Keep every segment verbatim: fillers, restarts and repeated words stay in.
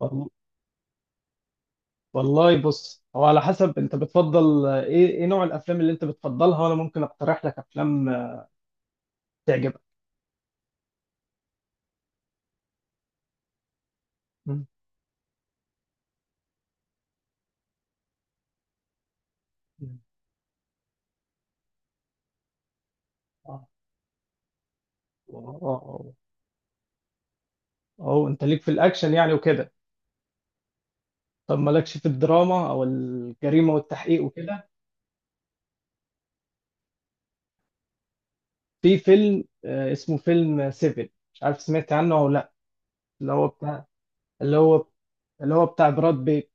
وال- والله بص، هو على حسب انت بتفضل آه، ايه ايه نوع الافلام اللي انت بتفضلها، وانا ممكن اقترح لك افلام آه، تعجبك. مم. مم. اه. اه. اه، انت ليك في الاكشن يعني وكده. طب مالكش في الدراما او الجريمه والتحقيق وكده؟ في فيلم آه، اسمه فيلم سيفن، مش عارف سمعت عنه او لا؟ اللي هو بتاع اللي هو اللي هو بتاع براد بيت.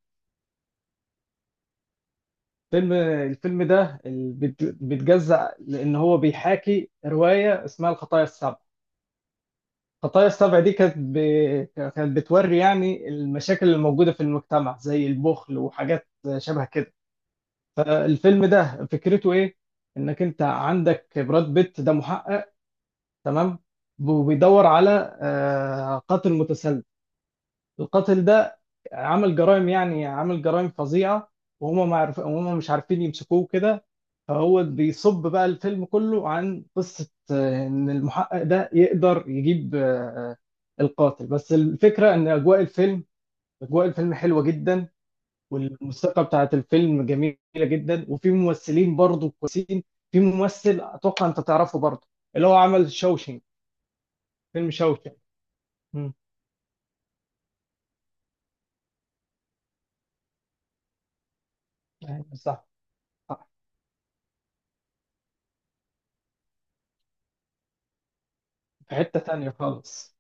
فيلم الفيلم ده ال- بيت- بيتجزأ، لان هو بيحاكي روايه اسمها الخطايا السبع. خطايا السبع دي كانت ب... كانت بتوري يعني المشاكل الموجودة في المجتمع زي البخل وحاجات شبه كده. فالفيلم ده فكرته ايه؟ انك انت عندك براد بيت ده محقق، تمام. وبيدور على آه، قاتل متسلسل. القاتل ده عمل جرائم، يعني عمل جرائم فظيعة. وهم ما عارف وهم مش عارفين يمسكوه كده. فهو بيصب بقى الفيلم كله عن قصة آه، إن المحقق ده يقدر يجيب آه، آه، القاتل. بس الفكرة إن أجواء الفيلم أجواء الفيلم حلوة جدا. والموسيقى بتاعت الفيلم جميلة جدا، وفي ممثلين برضه كويسين. في ممثل أتوقع أنت تعرفه برضه، اللي هو عمل شوشنج، فيلم شوشنج. مم. أيوة، صح. صح. في حتة تانية خالص.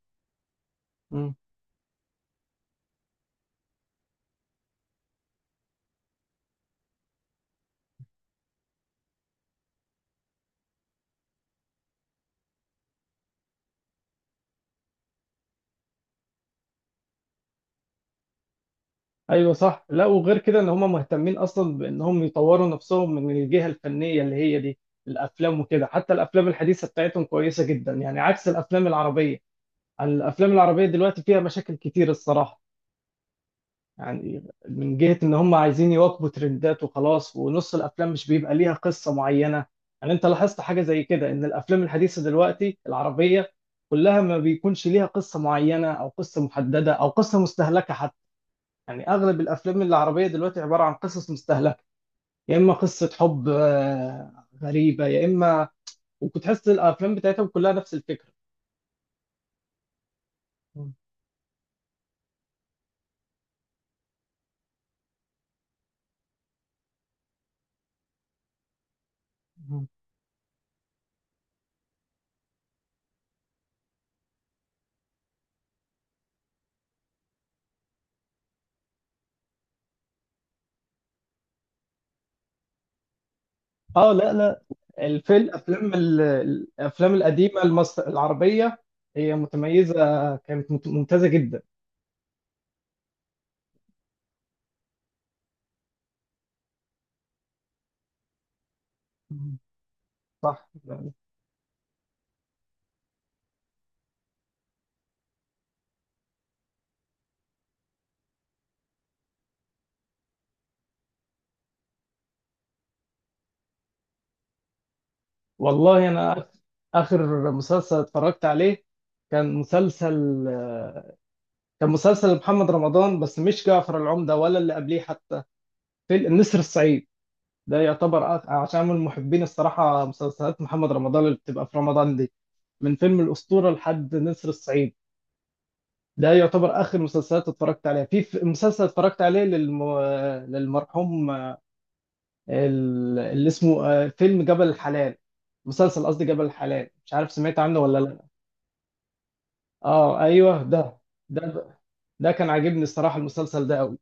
ايوه، صح. لا، وغير كده ان هم مهتمين اصلا بانهم يطوروا نفسهم من الجهه الفنيه اللي هي دي الافلام وكده، حتى الافلام الحديثه بتاعتهم كويسه جدا يعني، عكس الافلام العربيه. الافلام العربيه دلوقتي فيها مشاكل كتير الصراحه يعني، من جهه ان هم عايزين يواكبوا ترندات وخلاص، ونص الافلام مش بيبقى ليها قصه معينه. يعني انت لاحظت حاجه زي كده، ان الافلام الحديثه دلوقتي العربيه كلها ما بيكونش ليها قصه معينه او قصه محدده او قصه مستهلكه حتى؟ يعني اغلب الافلام العربيه دلوقتي عباره عن قصص مستهلكه، يا اما قصه حب آه، غريبه، يا اما. وتحس الافلام بتاعتهم كلها نفس الفكره. اه، لا لا، الفيلم الافلام ال- الافلام القديمه المصر العربيه، هي متميزه، كانت مت- ممتازه جدا. صح. والله انا اخر مسلسل اتفرجت عليه كان مسلسل آه، كان مسلسل محمد رمضان، بس مش جعفر العمدة ولا اللي قبليه حتى. في النسر الصعيد، ده يعتبر أ- عشان من محبين الصراحة مسلسلات محمد رمضان اللي بتبقى في رمضان دي، من فيلم الأسطورة لحد نسر الصعيد. ده يعتبر آخر مسلسلات اتفرجت عليها، في ف- مسلسل اتفرجت عليه للم... للمرحوم، ال- اللي اسمه آه، فيلم جبل الحلال، مسلسل قصدي جبل الحلال، مش عارف سمعت عنه ولا لا؟ اه ايوه، ده ده ده كان عاجبني الصراحة، المسلسل ده قوي.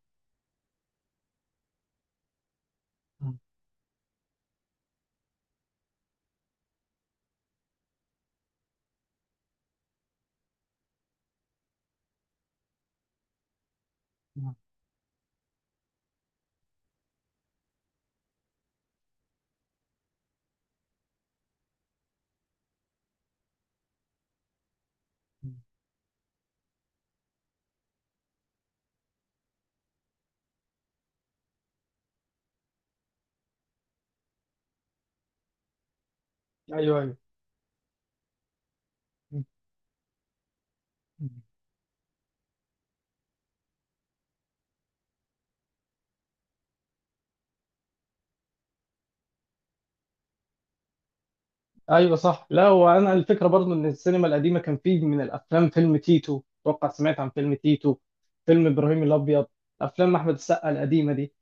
ايوه ايوه ايوه، صح. لا، وانا الفكره برضو ان السينما القديمه كان فيه من الافلام فيلم تيتو، اتوقع سمعت عن فيلم تيتو، فيلم ابراهيم الابيض، افلام احمد السقا القديمه دي.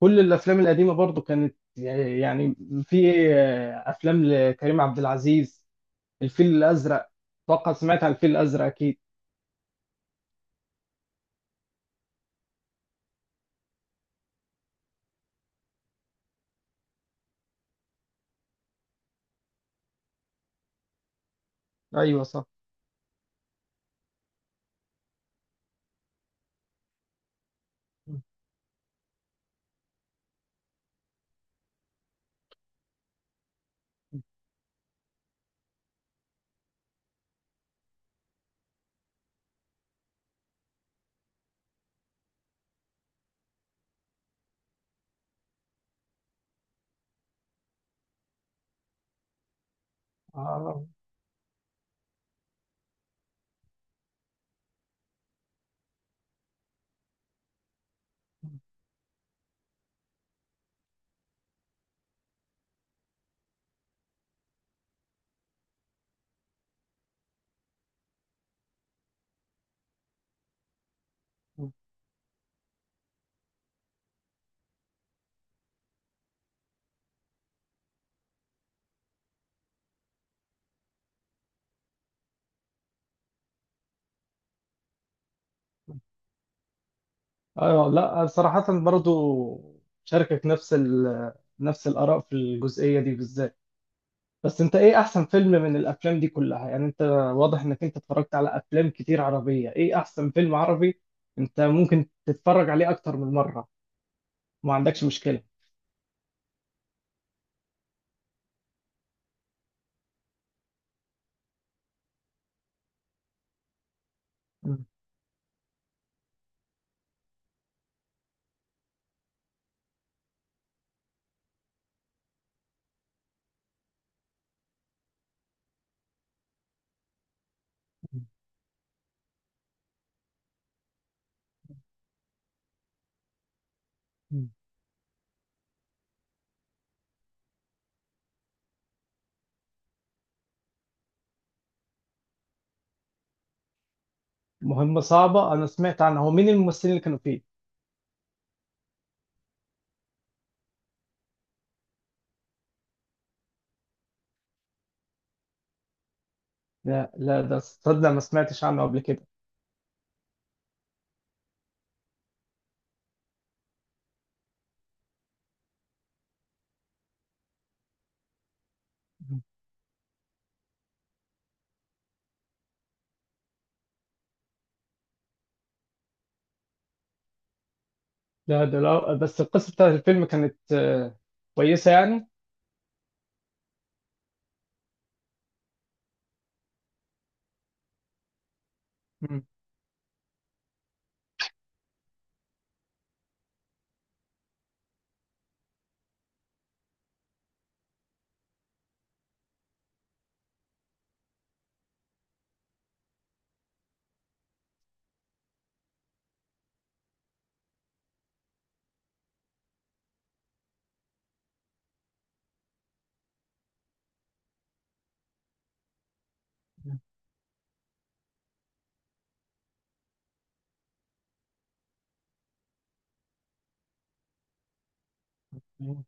كل الافلام القديمه برضو كانت يعني، في افلام لكريم عبد العزيز، الفيل الازرق، اتوقع سمعت عن الفيل الازرق اكيد. ايوه، صح. آه. ايوه، لا صراحه برضو شاركك نفس ال... نفس الاراء في الجزئيه دي بالذات. بس انت ايه احسن فيلم من الافلام دي كلها يعني؟ انت واضح انك انت اتفرجت على افلام كتير عربية، ايه احسن فيلم عربي انت ممكن تتفرج عليه اكتر من مرة، ما عندكش مشكلة؟ مم. مم. مهمة صعبة، انا سمعت عنها. هو مين الممثلين اللي كانوا فيه؟ لا لا، ده صدق ما سمعتش عنه قبل كده. مم. لا، ده لا، بس القصة بتاعت الفيلم كانت آه، كويسة يعني. مم. مم.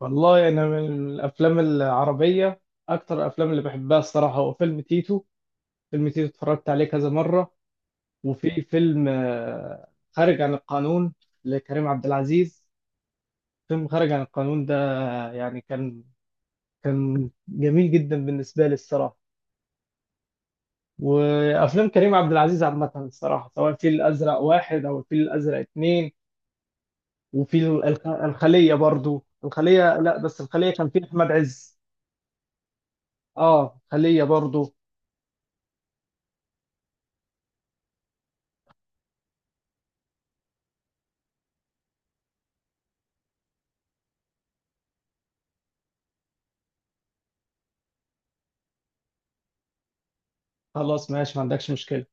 والله انا من الافلام العربية، اكتر الافلام اللي بحبها الصراحة هو فيلم تيتو. فيلم تيتو اتفرجت عليه كذا مرة. وفي فيلم آه، خارج عن القانون لكريم عبد العزيز. فيلم خارج عن القانون ده يعني كان كان جميل جدا بالنسبة لي الصراحة. وأفلام كريم عبد العزيز عامة الصراحة، سواء الفيل الأزرق واحد أو الفيل الأزرق اتنين. وفي الخ- الخلية برضو، الخلية، لا بس الخلية كان فيه أحمد عز. اه، خلية برضو. خلاص ماشي، ما عندكش مشكلة.